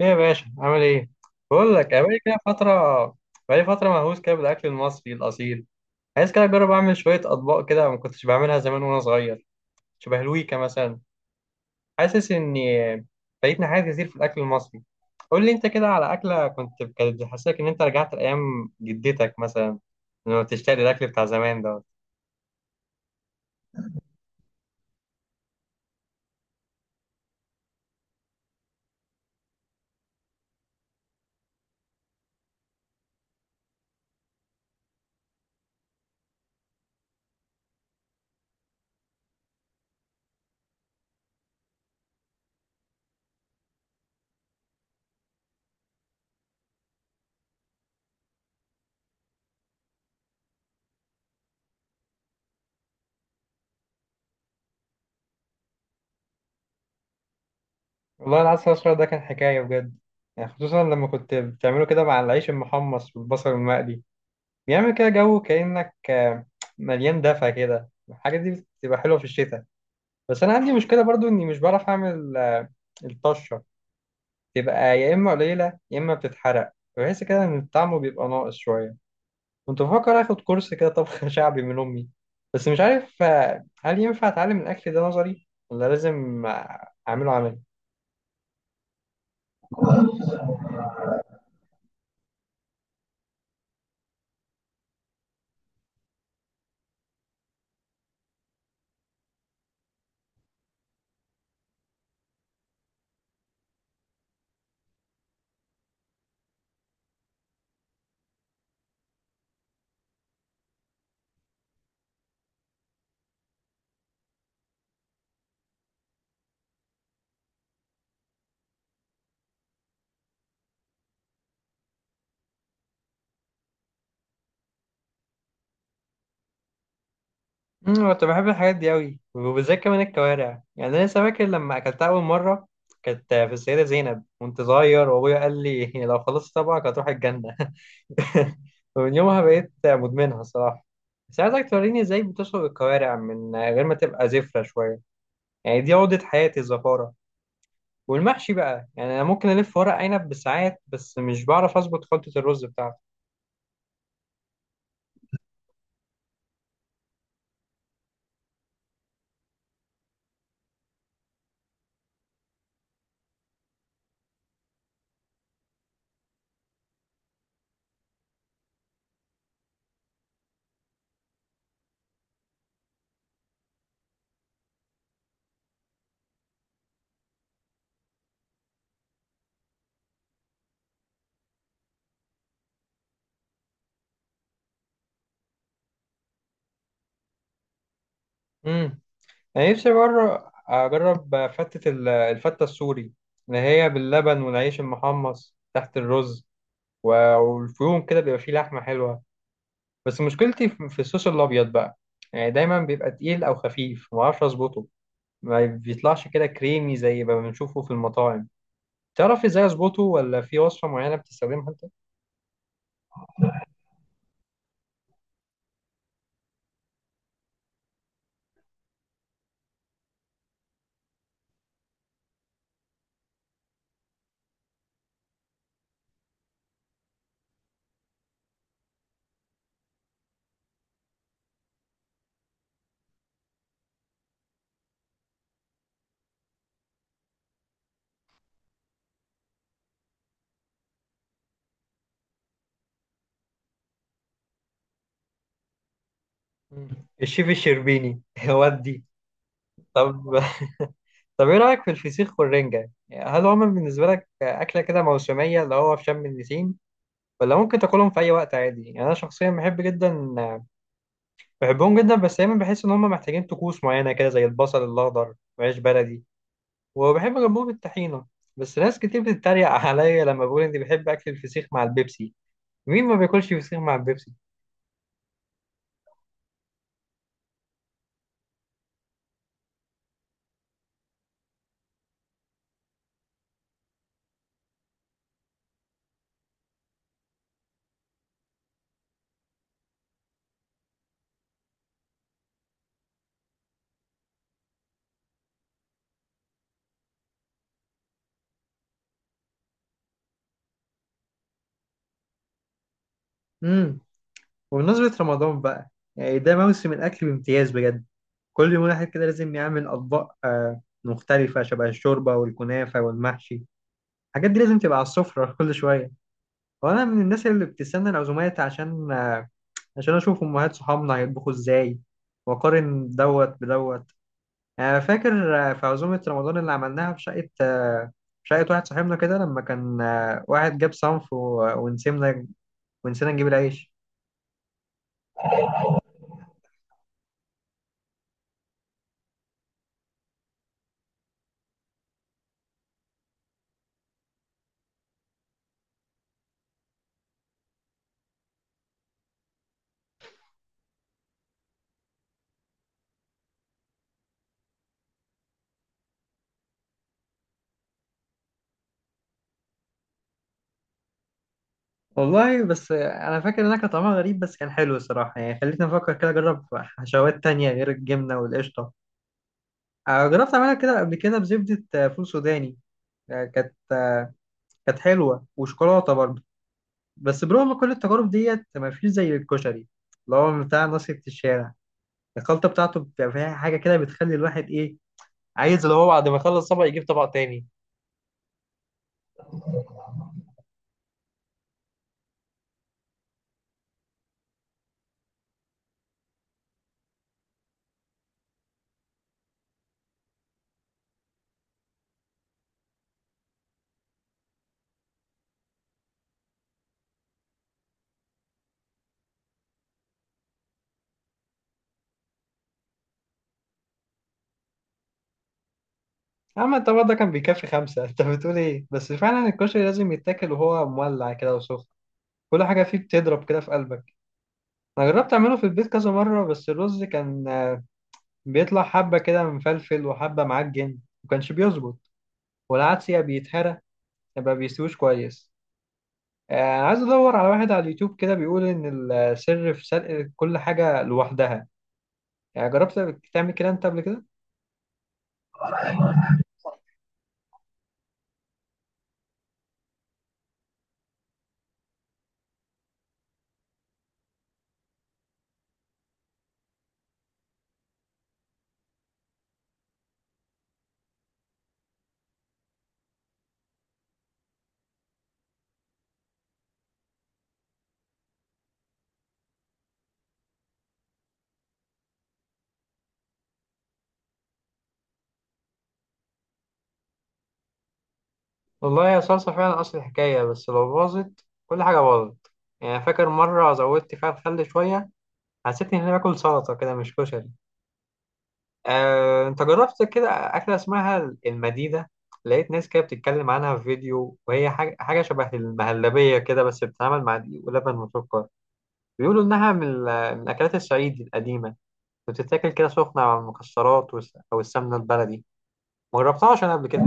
ايه يا باشا عامل ايه؟ بقول لك، أنا بقالي كده فترة، بقالي فترة مهووس كده بالأكل المصري الأصيل. عايز كده أجرب أعمل شوية أطباق كده ما كنتش بعملها زمان وأنا صغير، شبه الويكا مثلا. حاسس إني فايتني حاجات كتير في الأكل المصري. قول لي أنت كده على أكلة كنت كانت بتحسسك إن أنت رجعت لأيام جدتك مثلا، لما بتشتاق للأكل بتاع زمان ده. والله العسل الأسود ده كان حكاية بجد، يعني خصوصا لما كنت بتعمله كده مع العيش المحمص والبصل المقلي. بيعمل كده جو كأنك مليان دفى كده. الحاجات دي بتبقى حلوة في الشتاء. بس أنا عندي مشكلة برضو إني مش بعرف أعمل الطشة. تبقى يا إما قليلة يا إما بتتحرق. بحس كده إن طعمه بيبقى ناقص شوية. كنت بفكر آخد كورس كده طبخ شعبي من أمي، بس مش عارف هل ينفع أتعلم الأكل ده نظري ولا لازم أعمله عملي. كنت بحب الحاجات دي قوي، وبالذات كمان الكوارع. يعني انا لسه فاكر لما اكلتها اول مره، كانت في السيده زينب وانت صغير وابويا قال لي لو خلصت طبعك هتروح الجنه. ومن يومها بقيت مدمنها الصراحه. بس عايزك توريني ازاي بتشرب الكوارع من غير ما تبقى زفره شويه، يعني دي عقده حياتي الزفاره. والمحشي بقى، يعني انا ممكن الف ورق عنب بالساعات، بس مش بعرف اظبط خلطه الرز بتاعته. انا نفسي بره اجرب فتة الفتة السوري، اللي هي باللبن والعيش المحمص تحت الرز، والفيوم كده بيبقى فيه لحمة حلوة. بس مشكلتي في الصوص الابيض بقى. يعني دايما بيبقى تقيل او خفيف، ما اعرفش اظبطه. ما بيطلعش كده كريمي زي ما بنشوفه في المطاعم. تعرف ازاي اظبطه، ولا في وصفة معينة بتستخدمها انت؟ مم. الشيف الشربيني ودي. طب، طب ايه رايك في الفسيخ والرنجة؟ يعني هل هما بالنسبة لك اكلة كده موسمية، اللي هو في شم النسيم، ولا ممكن تاكلهم في اي وقت عادي؟ يعني انا شخصيا بحب جدا، بحبهم جدا، بس دايما بحس ان هم محتاجين طقوس معينه كده زي البصل الاخضر وعيش بلدي. وبحب جنبهم الطحينه. بس ناس كتير بتتريق عليا لما بقول اني بحب اكل الفسيخ مع البيبسي. مين ما بياكلش فسيخ مع البيبسي؟ امم وبمناسبة رمضان بقى، يعني ده موسم الأكل بامتياز بجد. كل يوم واحد كده لازم يعمل أطباق مختلفة شبه الشوربة والكنافة والمحشي. الحاجات دي لازم تبقى على السفرة كل شوية. وأنا من الناس اللي بتستنى العزومات عشان، عشان اشوف امهات صحابنا هيطبخوا ازاي واقارن دوت بدوت. يعني أنا فاكر في عزومة رمضان اللي عملناها في شقة في شقة واحد صاحبنا كده لما كان واحد جاب صنف ونسينا نجيب العيش. والله بس انا فاكر انها كان طعمها غريب، بس كان حلو الصراحة. يعني خلتني افكر كده اجرب حشوات تانية غير الجبنة والقشطة. جربت اعملها كده قبل كده بزبدة فول سوداني. آه، كانت كانت حلوة، وشوكولاتة برضه. بس برغم كل التجارب ديت ما فيش زي الكشري، اللي هو بتاع نصيحة الشارع. الخلطة بتاعته بتبقى فيها حاجة كده بتخلي الواحد إيه، عايز اللي هو بعد ما يخلص طبق يجيب طبق تاني. أما الطبق ده كان بيكفي خمسة أنت بتقول إيه؟ بس فعلا الكشري لازم يتاكل وهو مولع كده وسخن. كل حاجة فيه بتضرب كده في قلبك. أنا جربت أعمله في البيت كذا مرة، بس الرز كان بيطلع حبة كده مفلفل وحبة معجن، مكانش بيظبط. والعدس يا بيتهرى يبقى بيستويش كويس. عايز ادور على واحد على اليوتيوب كده بيقول ان السر في سلق كل حاجه لوحدها. يعني جربت تعمل كده انت قبل كده؟ والله يا صلصه فعلا اصل الحكايه، بس لو باظت كل حاجه باظت. يعني فاكر مره زودت فيها الخل شويه، حسيت اني باكل سلطه كده مش كشري. انت جربت كده اكله اسمها المديده؟ لقيت ناس كده بتتكلم عنها في فيديو، وهي حاجه شبه المهلبيه كده، بس بتتعمل مع دقيق ولبن وسكر. بيقولوا انها من من اكلات الصعيد القديمه، بتتاكل كده سخنة على المكسرات أو السمنة البلدي. ما جربتهاش أنا قبل كده.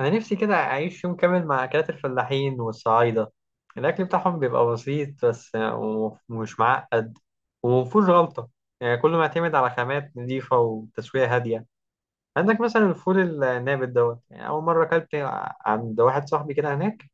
أنا نفسي كده أعيش يوم كامل مع أكلات الفلاحين والصعايدة. الأكل بتاعهم بيبقى بسيط بس، ومش معقد، ومفهوش غلطة. يعني كله معتمد على خامات نظيفة وتسوية هادية. عندك مثلا الفول النابت دوت. يعني أول مرة أكلت عند واحد صاحبي كده هناك،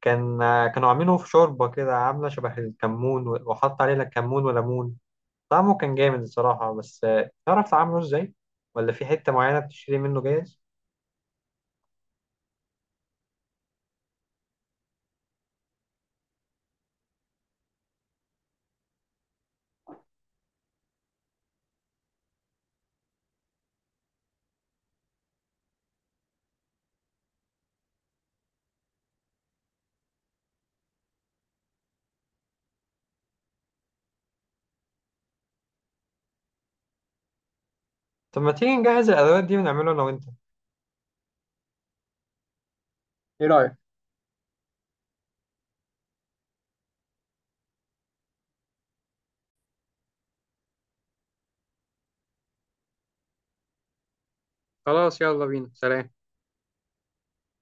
كان كانوا عاملينه في شوربة كده عاملة شبه الكمون، وحط عليه لا كمون ولا ليمون. طعمه كان جامد الصراحة. بس تعرف تعمله ازاي؟ ولا في حتة معينة بتشتري منه جاهز؟ طب ما تيجي نجهز الأدوات دي ونعمله أنا وأنت؟ ايه رأيك؟ خلاص يلا بينا. سلام.